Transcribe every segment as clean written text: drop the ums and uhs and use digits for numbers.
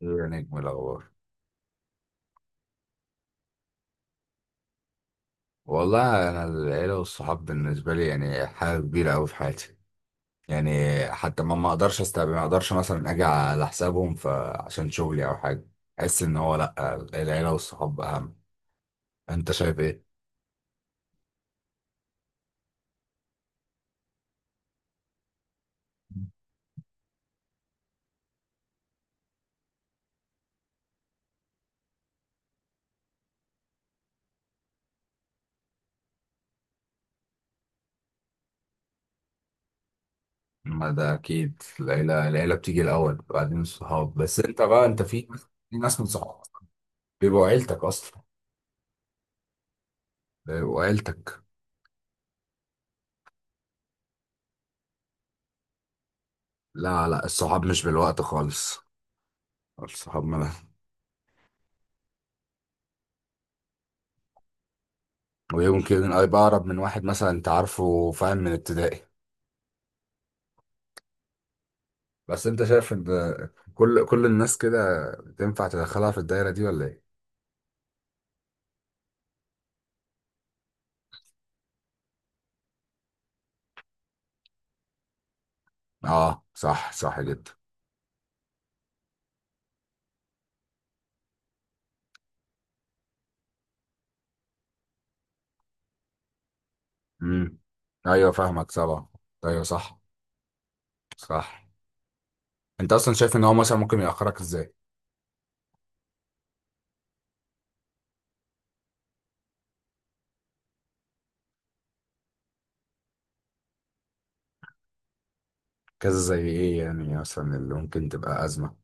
يا نجم الأخبار. والله أنا العيلة والصحاب بالنسبة لي يعني حاجة كبيرة أوي في حياتي. يعني حتى ما أقدرش أستقبل، ما أقدرش مثلا أجي على حسابهم فعشان شغلي أو حاجة، أحس إن هو لأ، العيلة والصحاب أهم. أنت شايف إيه؟ ما ده أكيد العيلة بتيجي الأول بعدين الصحاب، بس أنت بقى أنت في، في ناس من صحابك بيبقوا عيلتك أصلا، بيبقوا عيلتك. لا لا، الصحاب مش بالوقت خالص، الصحاب ملهاش. ويمكن هيبقى أقرب من واحد مثلا أنت عارفه، فاهم، من ابتدائي. بس أنت شايف إن كل الناس كده تنفع تدخلها في الدايرة دي ولا إيه؟ أه، صح، صح جدا. امم. أيوه فاهمك طبعا. أيوه صح. صح. أنت أصلا شايف إن هو مثلا ممكن يأخرك إزاي؟ كذا زي إيه يعني، مثلا اللي ممكن تبقى أزمة.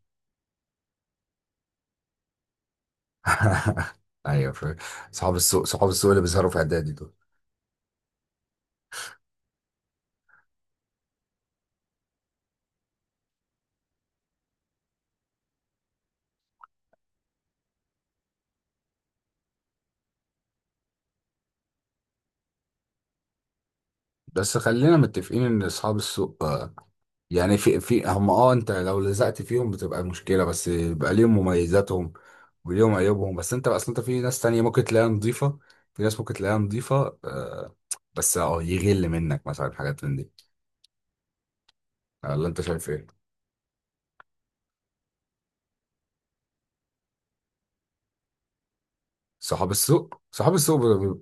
أيوه فاهم. صحاب السوق، صحاب السوق اللي بيظهروا في إعدادي دول. بس خلينا متفقين ان اصحاب السوق يعني في هم، اه، انت لو لزقت فيهم بتبقى مشكلة، بس بيبقى ليهم مميزاتهم وليهم عيوبهم. بس انت اصلا انت في ناس تانية ممكن تلاقيها نظيفة. في ناس ممكن تلاقيها نظيفة، آه. بس اه، يغل منك مثلا حاجات من دي، ولا انت شايف ايه؟ صحاب السوق، صحاب السوق بيبقوا،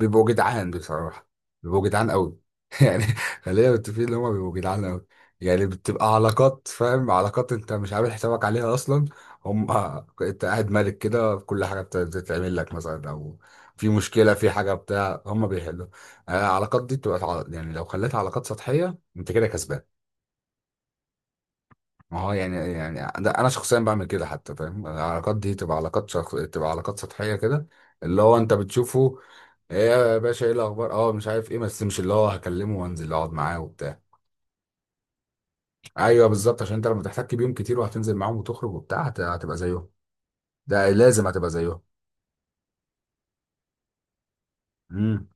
بيبقوا جدعان بصراحة. بيبقوا جدعان قوي. يعني خلينا متفقين ان هم بيبقوا جدعان قوي. يعني بتبقى علاقات، فاهم، علاقات انت مش عامل حسابك عليها اصلا. هم انت قاعد مالك كده في كل حاجة بتتعمل لك مثلا، او في مشكلة في حاجة بتاع هم بيحلوا. آه، العلاقات دي بتبقى يعني لو خليتها علاقات سطحية انت كده كسبان. ما هو يعني، يعني ده انا شخصيا بعمل كده حتى، فاهم، العلاقات دي تبقى تبقى علاقات سطحيه كده، اللي هو انت بتشوفه. ايه يا باشا، ايه الاخبار، اه مش عارف ايه، بس مش اللي هو هكلمه وانزل اقعد معاه وبتاع. ايوه بالظبط، عشان انت لما تحتك بيهم كتير وهتنزل معاهم وتخرج وبتاع هتبقى زيهم، ده لازم هتبقى زيهم. امم.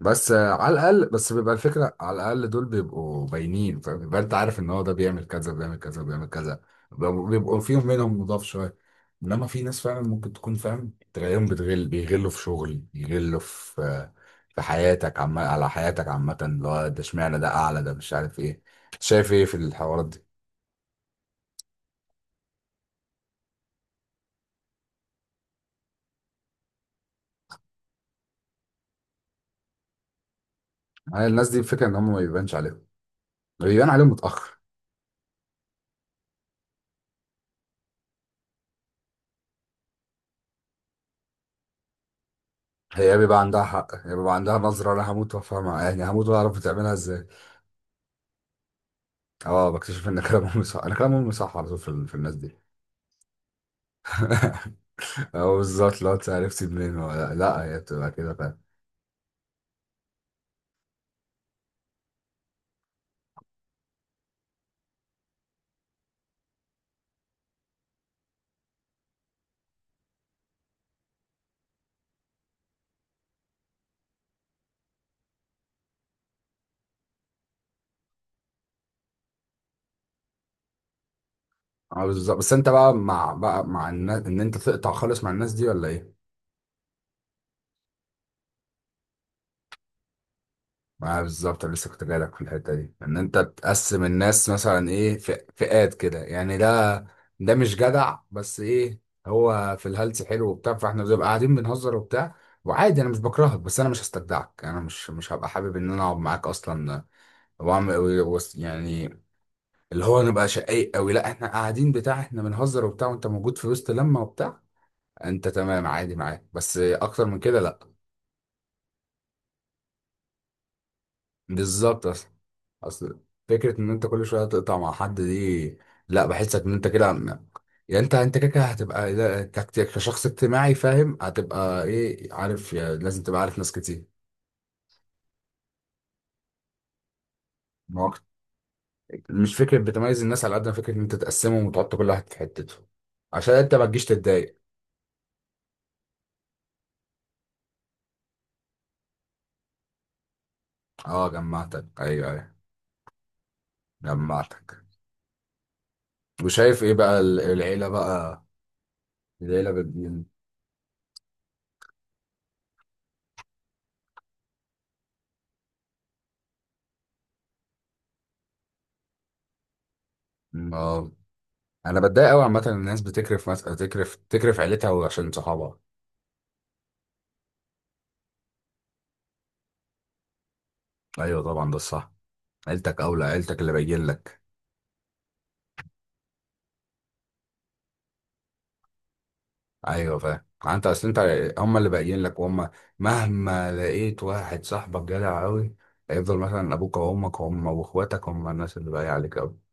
بس آه، على الاقل، بس بيبقى الفكره على الاقل دول بيبقوا باينين، فاهم، يبقى انت عارف ان هو ده بيعمل كذا بيعمل كذا بيعمل كذا. بيبقوا فيهم منهم مضاف شويه. انما في ناس فعلا ممكن تكون، فاهم، تلاقيهم بتغل، بيغلوا في شغل، يغلوا في في حياتك، على حياتك عامة، اللي هو ده اشمعنى ده اعلى ده مش عارف ايه. شايف ايه في الحوارات دي؟ يعني الناس دي الفكرة ان هم ما بيبانش عليهم، بيبان عليهم متأخر. هي بيبقى عندها حق، هي بيبقى عندها نظرة، انا هموت وافهمها، يعني هموت واعرف بتعملها ازاي. اه، بكتشف ان كلام امي صح، انا كلام امي صح على طول في، في الناس دي. اه بالظبط، لو انت عرفتي منين ولا لا، هي بتبقى كده. اه بالظبط، بس انت بقى مع الناس ان انت تقطع خالص مع الناس دي، ولا ايه؟ اه بالظبط، انا لسه كنت جايلك في الحته دي، ان انت تقسم الناس مثلا ايه، فئات كده، يعني ده ده مش جدع بس ايه، هو في الهلس حلو وبتاع، فاحنا بنبقى قاعدين بنهزر وبتاع، وعادي انا مش بكرهك، بس انا مش هستجدعك، انا مش هبقى حابب ان انا اقعد معاك اصلا واعمل يعني اللي هو نبقى شقيق قوي، لا احنا قاعدين بتاع، احنا بنهزر وبتاع وانت موجود في وسط لمه وبتاع، انت تمام عادي معاك، بس اكتر من كده لا. بالظبط. اصل، اصل فكره ان انت كل شويه تقطع مع حد دي، لا، بحسك ان انت كده يعني انت، انت كده كده هتبقى لا، كشخص اجتماعي، فاهم، هتبقى ايه عارف، يعني لازم تبقى عارف ناس كتير. ما هو مش فكره بتميز الناس، على قد ما فكره ان انت تقسمهم وتحط كل واحد في حتته، عشان انت ما تجيش تتضايق. اه جمعتك، ايوه ايوه، جمعتك. وشايف ايه بقى العيله بقى؟ العيله بتدين. انا بتضايق قوي عامه إن الناس بتكرف تكرف، تكرف عيلتها وعشان صحابها. ايوه طبعا، ده الصح، عيلتك اولى، عيلتك اللي باين لك. ايوه فاهم، انت اصل انت، هم اللي باين لك، وهم مهما لقيت واحد صاحبك جدع قوي، هيفضل مثلا ابوك وامك هم واخواتك، هم الناس اللي باقي عليك قوي.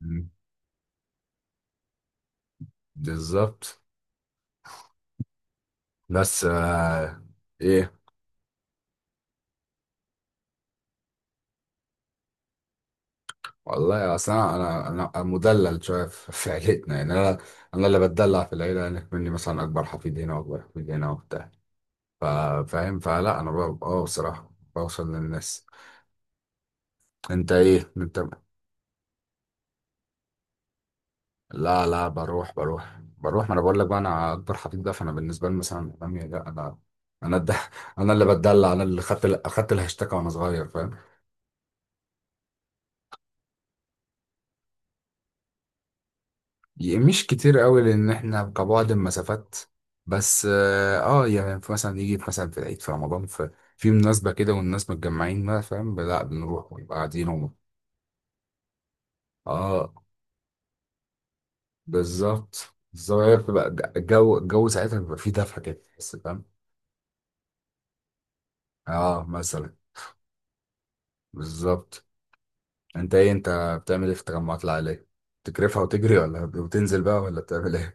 مم. بالظبط. بس آه... ايه. والله اصل انا أنا مدلل شويه في في عيلتنا، يعني انا، انا اللي بتدلع في العيله، يعني مني مثلا اكبر حفيد هنا واكبر حفيد هنا وبتاع، فاهم، فلا انا اه بصراحه بوصل للناس. انت ايه انت؟ لا لا، بروح، ما انا بقول لك بقى، انا اكبر حفيد بقى، فانا بالنسبه لي مثلا امي، لا انا، انا الد... انا اللي بتدلع، انا اللي خدت اخدت الهاشتاج وانا صغير، فاهم. مش كتير قوي لان احنا كبعد المسافات، بس اه آه، يعني في مثلا يجي في مثلا في العيد في رمضان في في مناسبه كده والناس متجمعين، ما فاهم، لا بنروح ونبقى قاعدين اه بالظبط بالظبط، هي بتبقى الجو، الجو ساعتها بيبقى فيه دفى كده بس، فاهم. اه مثلا. بالظبط. انت ايه انت؟ بتعمل ايه في التجمعات العائليه؟ تكرفها وتجري، ولا وتنزل بقى، ولا بتعمل ايه؟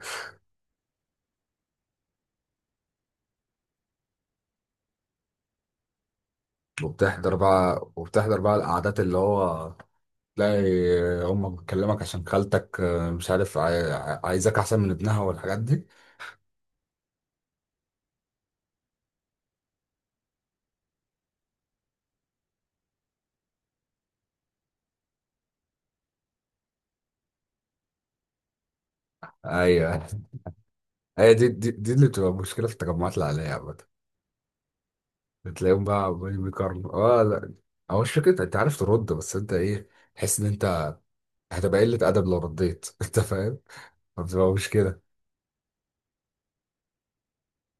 وبتحضر بقى، وبتحضر بقى القعدات اللي هو، تلاقي امك بتكلمك عشان خالتك، آه، مش عارف، عايزاك احسن من ابنها والحاجات دي. ايوه. هي دي، دي اللي بتبقى مشكله في التجمعات العائليه عامه. بتلاقيهم بقى عمالين بيكرموا، اه لا، هو مش فكرة انت عارف ترد، بس انت ايه، تحس ان انت هتبقى قلة أدب لو رديت. انت فاهم؟ فبتبقى مش كده.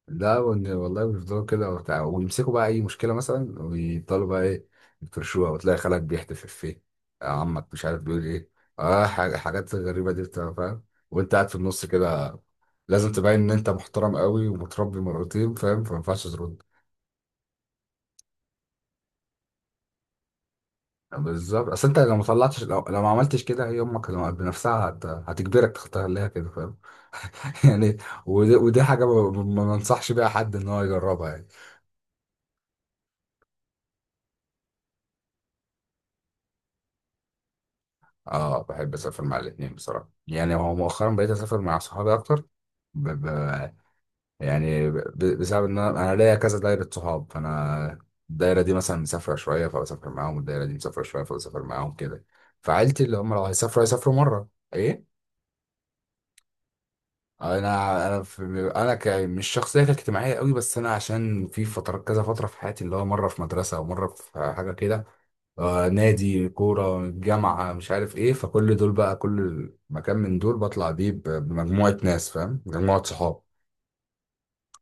لا وإن- والله بيفضلوا كده وبتاع، ويمسكوا بقى أي مشكلة مثلا ويفضلوا بقى إيه يفرشوها، وتلاقي خالك بيحتف إفيه، آه، عمك مش عارف بيقول إيه، آه، حاجات غريبة دي بتبقى، فاهم، وأنت قاعد في النص كده. لازم تبين إن أنت محترم قوي ومتربي مرتين، فاهم، فما ينفعش ترد. بالظبط، اصل انت لو ما طلعتش، لو ما عملتش كده، هي امك لو بنفسها هتجبرك تخليها كده، فاهم. يعني ودي، ودي حاجه ما انصحش بيها حد ان هو يجربها يعني. اه، بحب اسافر مع الاثنين بصراحه، يعني هو مؤخرا بقيت اسافر مع صحابي اكتر. ب... ب... يعني بسبب ان انا ليا كذا دايره صحاب، فانا الدايره دي مثلا مسافره شويه فبسافر معاهم، والدايره دي مسافره شويه فبسافر معاهم كده، فعيلتي اللي هم لو هيسافروا هيسافروا مره. ايه. انا في، انا مش شخصيه كانت اجتماعيه قوي، بس انا عشان في فتره، كذا فتره في حياتي، اللي هو مره في مدرسه ومره في حاجه كده، آه نادي كوره، جامعه، مش عارف ايه، فكل دول بقى، كل مكان من دول بطلع بيه بمجموعه ناس، فاهم، مجموعه صحاب،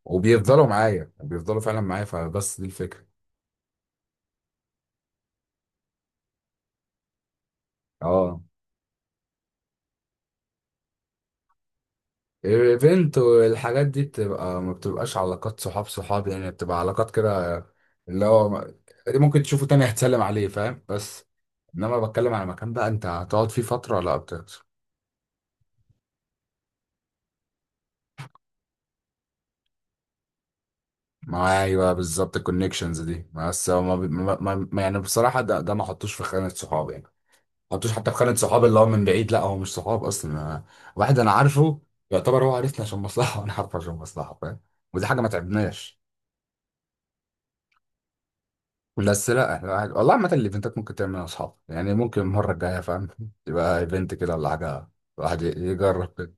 وبيفضلوا معايا، بيفضلوا فعلا معايا، فبس دي الفكره. اه الايفنت والحاجات دي بتبقى، ما بتبقاش علاقات صحاب صحاب يعني، بتبقى علاقات كده، اللي هو ما- ممكن تشوفه تاني هتسلم عليه، فاهم، بس انما بتكلم على مكان بقى انت هتقعد فيه فترة، لا بتخسر. ما ايوه بالظبط، الكونكشنز دي، بس هو ما بي- ما ما- ما- يعني بصراحة ده ما حطوش في خانة صحاب يعني، ما حطوش حتى في خانة صحاب، اللي هو من بعيد، لا هو مش صحاب اصلا. واحد انا عارفه، يعتبر هو عارفني عشان مصلحة، وانا عارفه عشان مصلحة، فاهم، ودي حاجة ما تعبناش. بس لا، والله عامة الايفنتات ممكن تعملها اصحاب يعني، ممكن المرة الجاية فاهم تبقى ايفنت كده ولا حاجة. الواحد يجرب كده.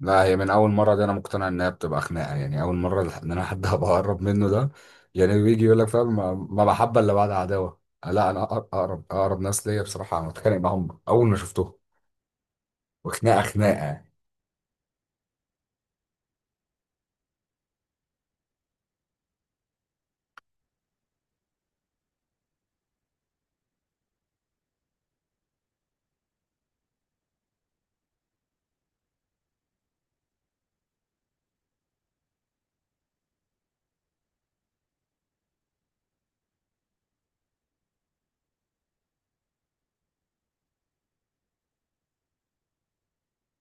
لا، هي من اول مرة دي انا مقتنع انها بتبقى خناقة يعني، اول مرة ان انا حد هبقى اقرب منه ده، يعني بيجي يقول لك، فاهم، ما محبة الا بعد عداوة. لا، انا اقرب، اقرب ناس ليا بصراحة انا بتخانق معاهم اول ما شفتهم، وخناقة خناقة يعني.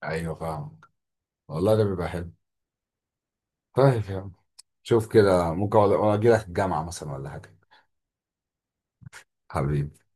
ايوه فاهم. والله ده بيبقى حلو. طيب يا عم، شوف كده ممكن اجي لك الجامعة مثلا ولا حاجة. حبيبي.